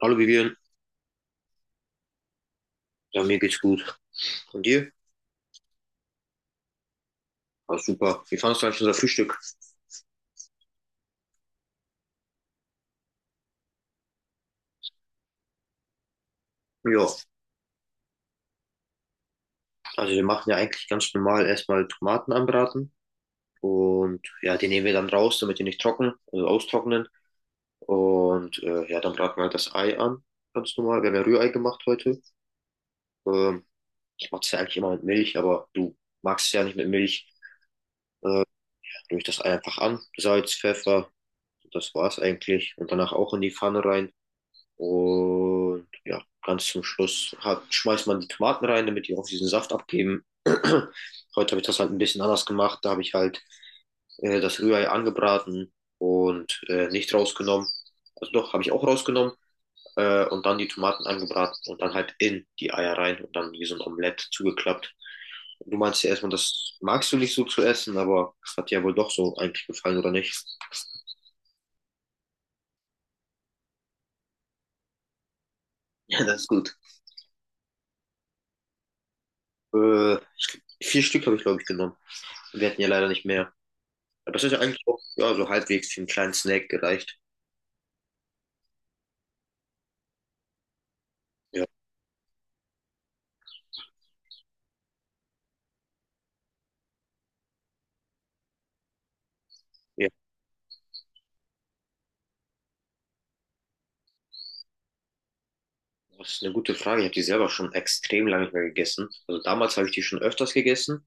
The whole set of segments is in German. Hallo Vivian, ja, mir geht's gut. Und dir? Ah, super. Wie fandest du eigentlich unser Frühstück? Ja, also wir machen ja eigentlich ganz normal erstmal Tomaten anbraten und ja, die nehmen wir dann raus, damit die nicht trocken, also austrocknen. Und ja, dann braten wir halt das Ei an, ganz normal. Wir haben ja Rührei gemacht heute. Ähm, Ich mache das ja eigentlich immer mit Milch, aber du magst es ja nicht mit Milch. Rühre ich das Ei einfach an, Salz, Pfeffer, das war's eigentlich. Und danach auch in die Pfanne rein. Und ja, ganz zum Schluss hat, schmeißt man die Tomaten rein, damit die auch diesen Saft abgeben. Heute habe ich das halt ein bisschen anders gemacht. Da habe ich halt das Rührei angebraten und nicht rausgenommen. Also doch, habe ich auch rausgenommen. Und dann die Tomaten angebraten und dann halt in die Eier rein und dann wie so ein Omelett zugeklappt. Du meinst ja erstmal, das magst du nicht so zu essen, aber es hat dir ja wohl doch so eigentlich gefallen, oder nicht? Ja, das ist gut. 4 Stück habe ich, glaube ich, genommen. Wir hatten ja leider nicht mehr. Aber das ist ja eigentlich auch ja, so halbwegs für einen kleinen Snack gereicht. Ja. Ja, das ist eine gute Frage. Ich habe die selber schon extrem lange nicht mehr gegessen. Also damals habe ich die schon öfters gegessen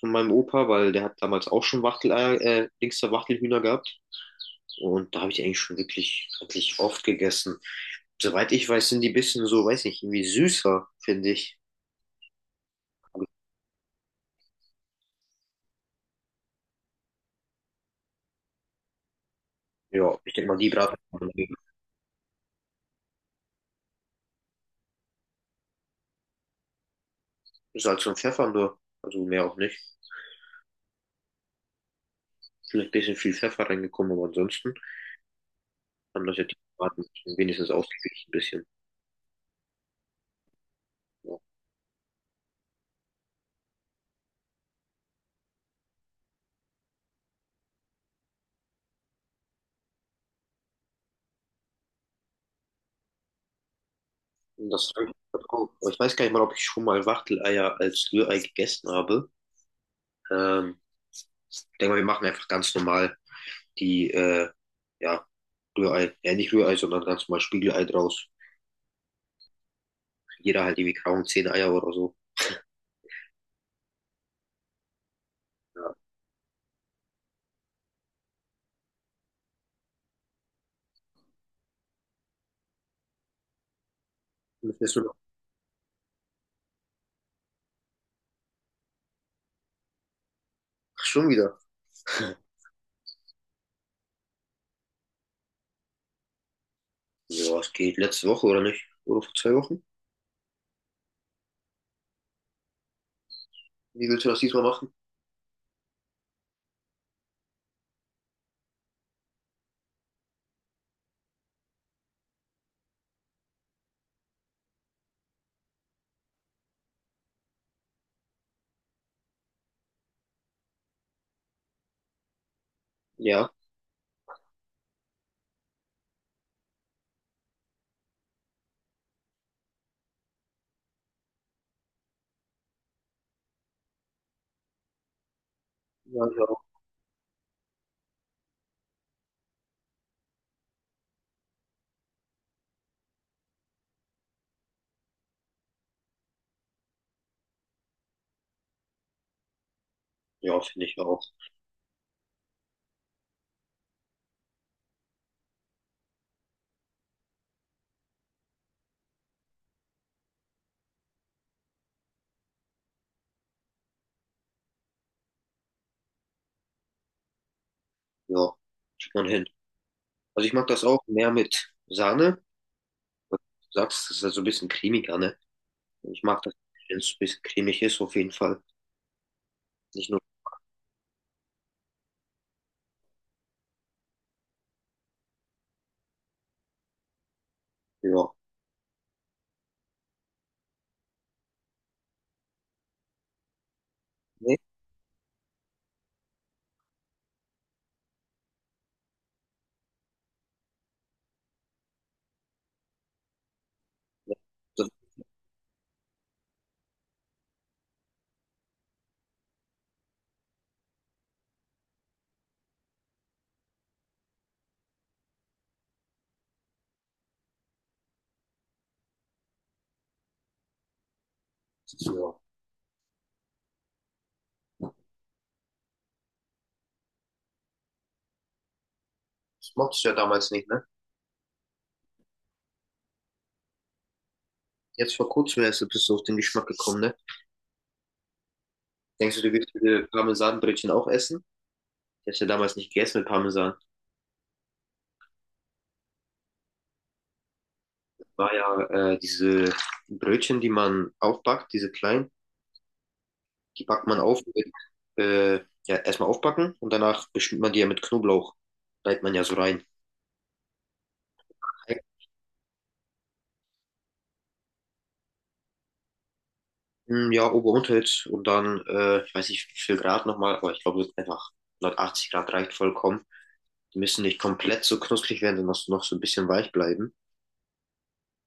von meinem Opa, weil der hat damals auch schon Wachteleier, links der Wachtelhühner gehabt. Und da habe ich die eigentlich schon wirklich, wirklich oft gegessen. Soweit ich weiß, sind die ein bisschen so, weiß nicht, irgendwie süßer, finde ich. Ja, ich denke mal, die braten ist halt so ein Pfeffer nur. Also mehr auch nicht. Vielleicht ein bisschen viel Pfeffer reingekommen, aber ansonsten haben das ja die Braten wenigstens ausgeglichen ein bisschen. Ja. Und das habe ich vertraut. Aber ich weiß gar nicht mal, ob ich schon mal Wachteleier als Rührei gegessen habe. Ähm, Ich denke mal, wir machen einfach ganz normal die, ja, Rührei. Ja, nicht Rührei, sondern ganz normal Spiegelei draus. Jeder halt irgendwie kaum 10 Eier oder so. Ja. Müssen wir schon. Ach, schon wieder. Ja, es geht. Letzte Woche oder nicht? Oder vor 2 Wochen? Wie willst du das diesmal machen? Ja. Ja, ich auch. Ja, finde ich auch. Ja, kriegt man hin. Also ich mag das auch mehr mit Sahne. Du sagst, es ist ja so ein bisschen cremiger, ne? Ich mag das, wenn es ein bisschen cremig ist, auf jeden Fall. Nicht nur, ja. Nee, nee, das, ja. Das mochtest du ja damals nicht, ne? Jetzt vor kurzem erst bist du auf den Geschmack gekommen, ne? Denkst du, du willst diese Parmesanbrötchen auch essen? Ich hab's ja damals nicht gegessen mit Parmesan. War ja diese Brötchen, die man aufbackt, diese kleinen, die backt man auf mit, äh, ja, erstmal aufbacken und danach beschmiert man die ja mit Knoblauch. Reibt man ja so rein. Hm, ja, Ober- und Unterhitze und dann, ich weiß nicht wie viel Grad nochmal, aber ich glaube einfach 180 Grad reicht vollkommen. Die müssen nicht komplett so knusprig werden, sondern noch so ein bisschen weich bleiben.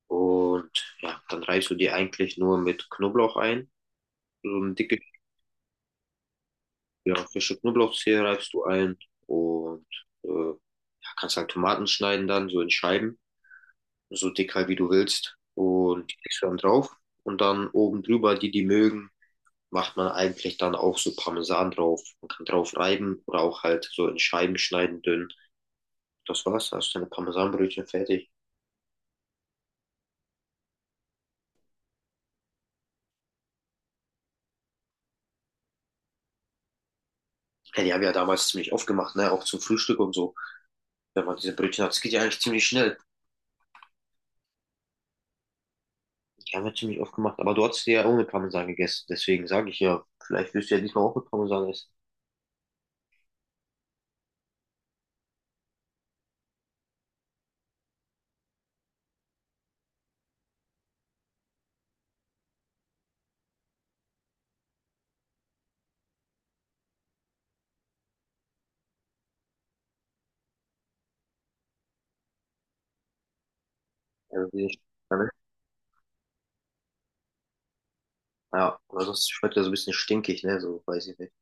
Und ja, dann reibst du die eigentlich nur mit Knoblauch ein. So ein dicke, ja, frische Knoblauchzehe reibst du ein und ja, kannst halt Tomaten schneiden dann so in Scheiben, so dick halt wie du willst. Und die legst du dann drauf und dann oben drüber, die die mögen, macht man eigentlich dann auch so Parmesan drauf. Man kann drauf reiben oder auch halt so in Scheiben schneiden, dünn. Das war's, hast du deine Parmesanbrötchen fertig. Ja, die haben ja damals ziemlich oft gemacht, ne? Auch zum Frühstück und so. Wenn man diese Brötchen hat, es geht ja eigentlich ziemlich schnell. Die haben wir ziemlich oft gemacht. Aber du hast die ja ohne Parmesan gegessen. Deswegen sage ich ja, vielleicht wirst du ja diesmal auch mit Parmesan essen. Also, diese ne? Ja, aber sonst schmeckt er so ein bisschen stinkig, ne? So, weiß ich nicht.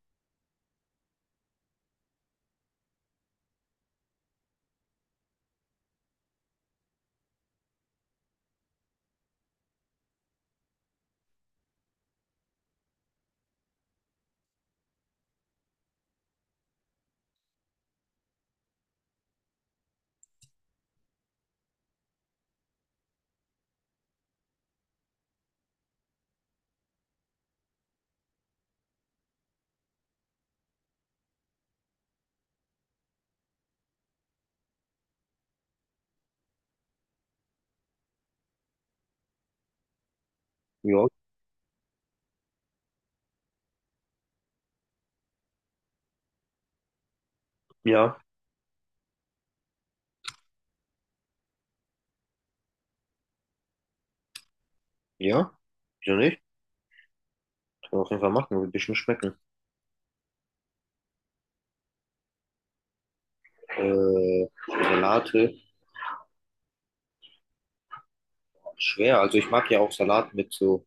Ja, ja, ja. Wieso nicht? Kann man auf jeden Fall machen, wird ein bisschen schmecken. Salate. Schwer. Also ich mag ja auch Salat mit so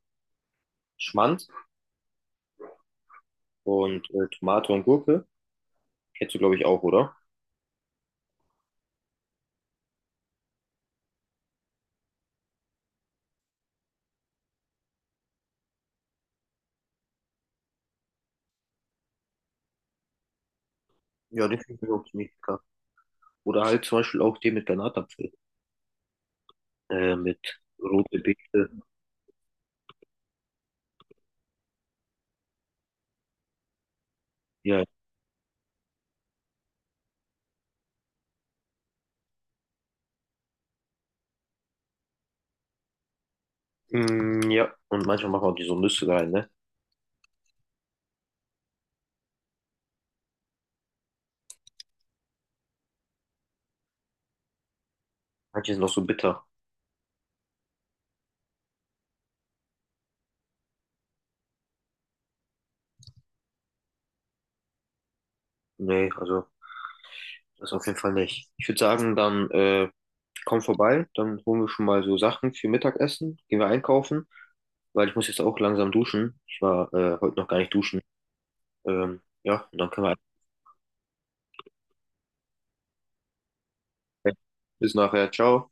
Schmand und Tomate und Gurke. Kennst du, glaube ich, auch, oder? Ja, den finde ich auch ziemlich lecker. Oder halt zum Beispiel auch den mit Granatapfel, mit rote Beete. Ja. Mm, ja, und manchmal machen wir auch die so Nüsse rein, ne? Manche sind auch so bitter. Nee, also das auf jeden Fall nicht. Ich würde sagen, dann komm vorbei, dann holen wir schon mal so Sachen für Mittagessen, gehen wir einkaufen, weil ich muss jetzt auch langsam duschen. Ich war heute noch gar nicht duschen. Ja, und dann können wir. Okay. Bis nachher, ciao.